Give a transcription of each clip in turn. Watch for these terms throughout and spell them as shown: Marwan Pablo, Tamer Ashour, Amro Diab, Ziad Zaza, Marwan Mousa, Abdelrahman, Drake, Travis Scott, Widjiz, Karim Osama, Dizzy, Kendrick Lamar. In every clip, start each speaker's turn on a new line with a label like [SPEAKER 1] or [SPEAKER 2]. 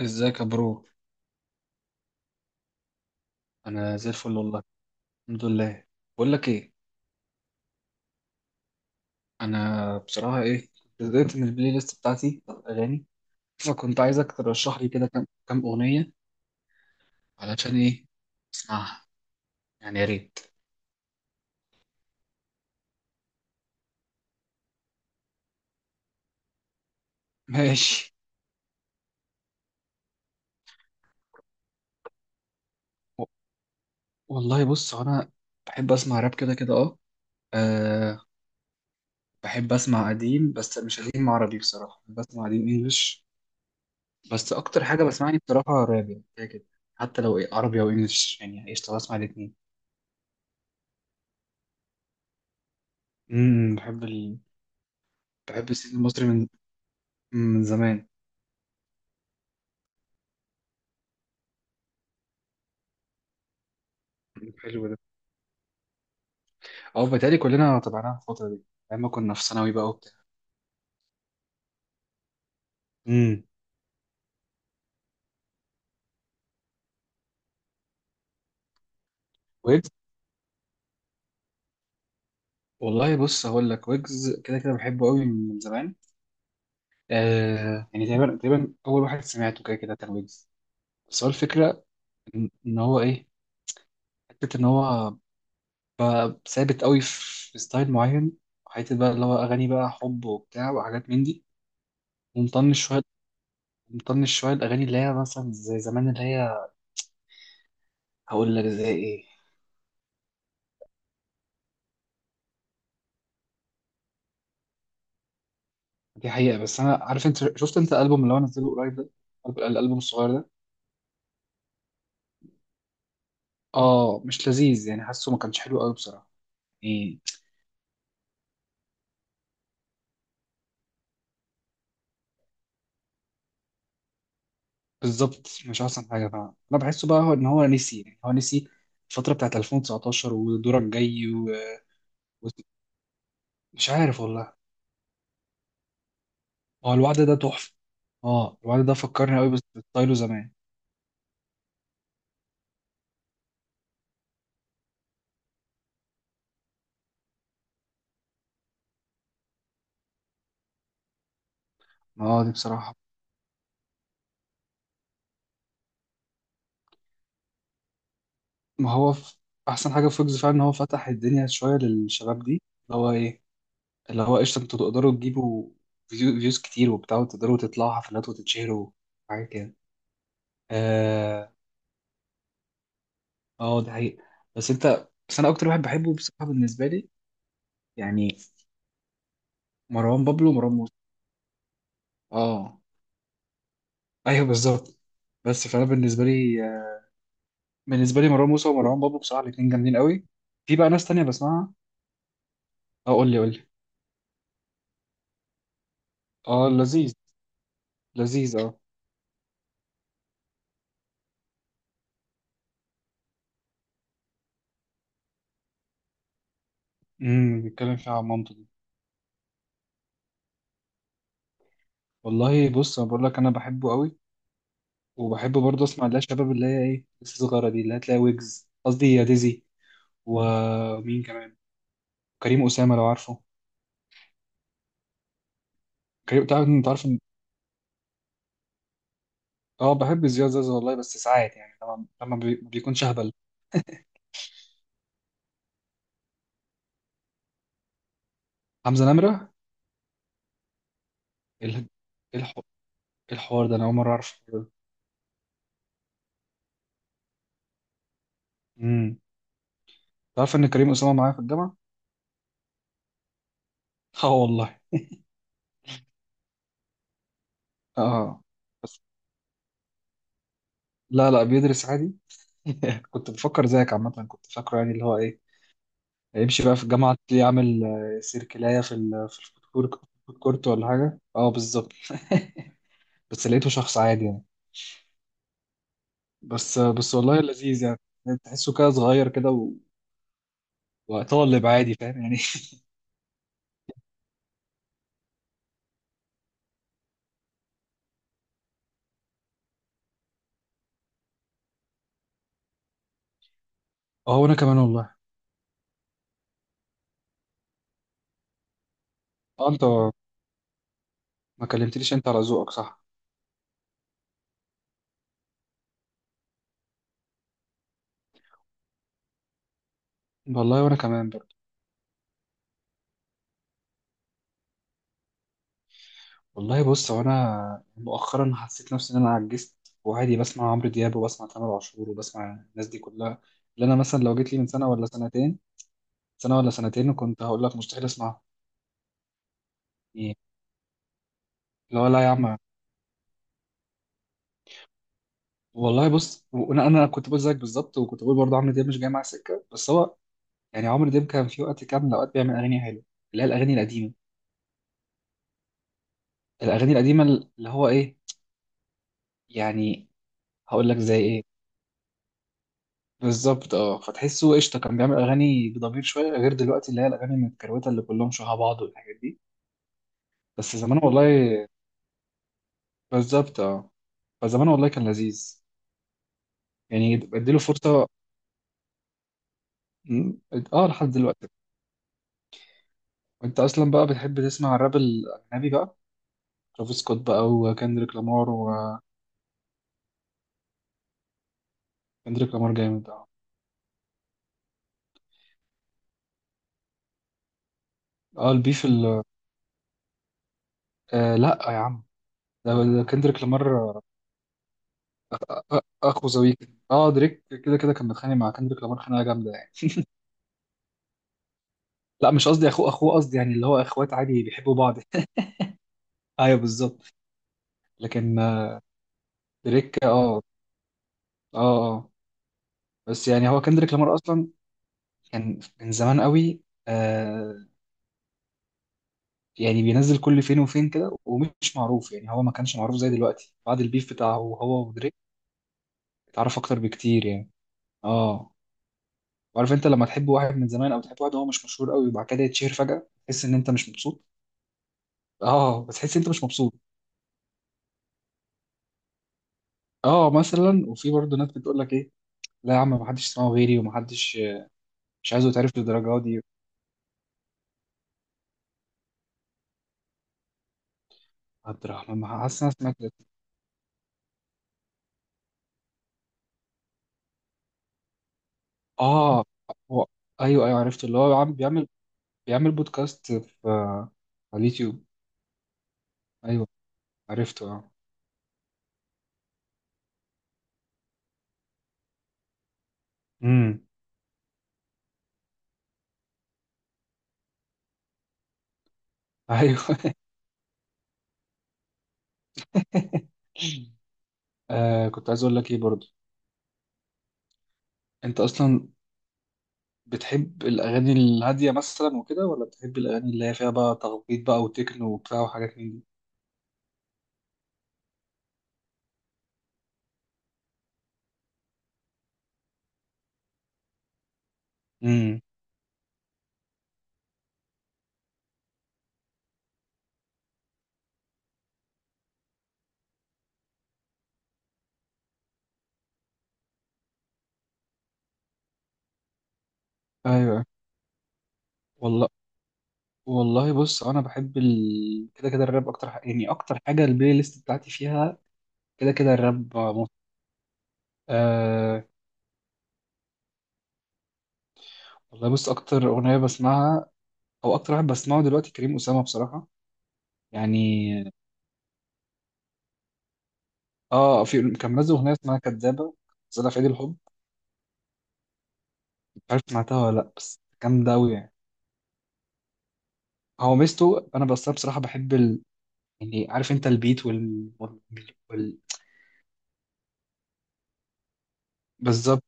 [SPEAKER 1] ازيك يا برو. انا زي الفل والله، الحمد لله. بقول لك ايه، انا بصراحه ايه، كنت زهقت من البلاي ليست بتاعتي بتاعت الاغاني، فكنت عايزك ترشح لي كده كام كام اغنيه. علشان ايه؟ اسمعها يعني، يا ريت. ماشي. و- والله بص انا بحب اسمع راب كده كده، اه. آه، بحب اسمع قديم بس مش قديم عربي، بصراحه بسمع قديم انجلش، بس اكتر حاجه بسمعني بصراحه راب يعني كده كده. حتى لو إيه عربي او انجلش، يعني قشطه بسمع الاثنين. امم، بحب. بحب السينما المصري من زمان. حلو ده. اه، بتهيألي كلنا تبعناها في الفترة دي، أيام ما كنا في ثانوي بقى وبتاع. امم. ويجز، والله بص هقول لك ويجز كده كده بحبه قوي من زمان. آه يعني تقريبا تقريبا أول واحد سمعته كده كده كان ويجز. بس هو الفكرة إن هو إيه، حتة إن هو بقى ثابت قوي في ستايل معين، حتة بقى اللي هو أغاني بقى حب وبتاع وحاجات من دي. ومطنش شوية، مطنش شوية الأغاني اللي هي مثلا زي زمان اللي هي، هقول لك زي إيه. دي حقيقة، بس أنا عارف أنت شفت أنت الألبوم اللي هو نزله قريب ده، الألبوم الصغير ده. آه مش لذيذ يعني، حاسه ما كانش حلو قوي بصراحة يعني. بالظبط مش أحسن حاجة فعلا، أنا بحسه بقى هو إن هو نسي يعني، هو نسي الفترة بتاعت 2019 ودورك جاي ومش عارف والله. هو الوعد ده تحفة. آه الوعد ده فكرني قوي بس بستايله زمان. آه دي بصراحة. ما هو أحسن حاجة في ويجز فعلا إن هو فتح الدنيا شوية للشباب دي، اللي هو إيه، اللي هو قشطة انتوا تقدروا تجيبوا فيوز كتير وبتاع، وتقدروا تطلعوا حفلات وتتشهروا. حاجة كده. اه، اه ده حقيقي. بس انت، بس انا اكتر واحد بحبه بصراحة بالنسبة لي يعني مروان بابلو ومروان موسى. اه ايوه بالظبط. بس فانا بالنسبة لي بالنسبة لي مروان موسى ومروان بابلو، بصراحة الاتنين جامدين قوي. في بقى ناس تانية بسمعها. اه، قول لي قول لي. اه لذيذ، لذيذ اه. بيتكلم فيها عن مامته دي. والله بص انا بقول لك انا بحبه قوي، وبحب برضه اسمع اللي هي الشباب اللي هي ايه لسه صغيره دي، اللي هتلاقي ويجز قصدي يا ديزي ومين كمان كريم اسامه لو عارفه. كريم، تعرف انت عارف اه بحب زياد زازا والله بس ساعات يعني لما ما بيكونش اهبل. حمزه نمره. ال... إيه إيه الحوار ده، انا اول مره اعرف. امم. تعرف ان كريم اسامه معايا في الجامعه. اه والله. اه بس، لا لا بيدرس عادي. كنت بفكر زيك عامه، كنت فاكره يعني اللي هو ايه، هيمشي بقى في الجامعة تلاقيه عامل سيركلاية في ال في الفود كورت، الفود كورت ولا حاجة، اه بالظبط. بس لقيته شخص عادي يعني. بس بس والله لذيذ يعني. تحسه كده صغير كده وطالب عادي، فاهم يعني. اه وانا كمان والله. اه انت ما كلمتليش انت على ذوقك، صح. والله وانا كمان برضه. والله بص هو انا مؤخرا حسيت نفسي ان انا عجزت، وعادي بسمع عمرو دياب وبسمع تامر عاشور وبسمع الناس دي كلها اللي انا مثلا لو جيت لي من سنة ولا سنتين، سنة ولا سنتين كنت هقول لك مستحيل اسمعه. لا لا يا عم. والله بص، وانا كنت بقول زيك بالظبط، وكنت بقول برضه عمرو دياب مش جاي معاه سكه، بس هو يعني عمرو دياب كان في وقت، كان اوقات بيعمل اغاني حلوه اللي هي الاغاني القديمه، الاغاني القديمه اللي هو ايه يعني، هقول لك زي ايه. بالظبط اه، فتحسه قشطه كان بيعمل اغاني بضمير شويه، غير دلوقتي اللي هي الاغاني المتكروته اللي كلهم شبه بعض والحاجات دي. بس زمان والله، بالظبط اه، فزمان والله كان لذيذ يعني، اديله فرصه. م- اه لحد دلوقتي. انت اصلا بقى بتحب تسمع الراب الاجنبي بقى؟ ترافيس سكوت بقى وكندريك لامار، وكندريك لامار جامد اه. اه البيف آه لا يا عم، ده كندريك لامار. اخو زويك، اه دريك كده كده كان متخانق مع كندريك لامار خناقه جامده يعني. لا مش قصدي اخوه، اخوه قصدي يعني اللي هو اخوات عادي بيحبوا بعض. ايوه بالظبط. لكن دريك اه، اه اه، بس يعني هو كندريك لامار اصلا كان من زمان قوي آه، يعني بينزل كل فين وفين كده ومش معروف يعني، هو ما كانش معروف زي دلوقتي بعد البيف بتاعه هو ودريك، اتعرف اكتر بكتير يعني. اه. وعارف انت لما تحب واحد من زمان، او تحب واحد هو مش مشهور قوي وبعد كده يتشهر فجأة، تحس ان انت مش مبسوط، اه بتحس انت مش مبسوط. اه مثلا، وفي برضه ناس بتقول لك ايه، لا يا عم ما حدش سمعه غيري وما حدش، مش عايزه يتعرف للدرجه دي. عبد الرحمن، ما حاسس إن انا سمعت ده. اه هو. ايوه ايوه عرفته اللي هو عم بيعمل بودكاست في، على اليوتيوب. ايوه عرفته اه. امم. ايوه. آه كنت عايز اقول لك ايه برضه، انت اصلا بتحب الأغاني الهادية مثلا وكده، ولا بتحب الأغاني اللي هي فيها بقى تخبيط بقى وتكنو وبتاع وحاجات من دي؟ امم، أيوه والله. والله بص أنا بحب كده كده الراب أكتر، يعني أكتر حاجة البلاي ليست بتاعتي فيها كده كده الراب موت. آه والله بص، أكتر أغنية بسمعها أو أكتر واحد بسمعه دلوقتي كريم أسامة بصراحة يعني. آه، في كان منزل أغنية اسمها كدابة، نزلها في عيد الحب، مش عارف سمعتها ولا لأ بس جامدة أوي يعني. هو ميزته أنا بس بصراحة بحب يعني، عارف انت البيت وال... بالظبط.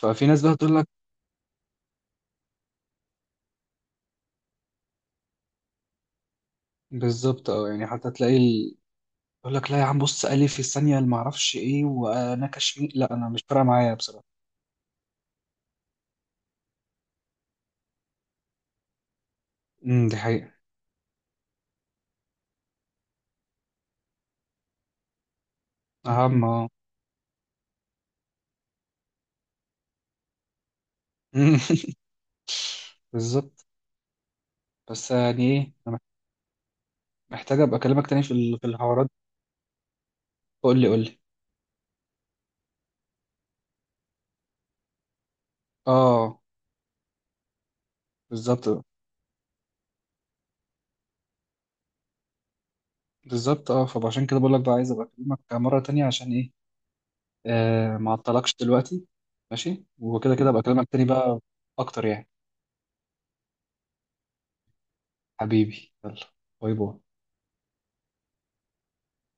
[SPEAKER 1] ففي ناس بقى تقول لك، بالظبط اه يعني حتى تلاقي يقول لك لا يا عم بص ألف في الثانية اللي معرفش ايه، وانا كشمي لا انا مش فارقة معايا بصراحة. دي حقيقة. اهم اه. بالظبط. بس يعني ايه، انا محتاج ابقى اكلمك تاني في في الحوارات. قول لي قول لي. اه بالظبط. آه. بالظبط اه، فعشان كده بقول لك بقى عايز ابقى اكلمك مرة تانية عشان ايه. آه ما اعطلكش دلوقتي، ماشي وكده كده ابقى اكلمك تاني بقى اكتر يعني. حبيبي يلا. باي باي.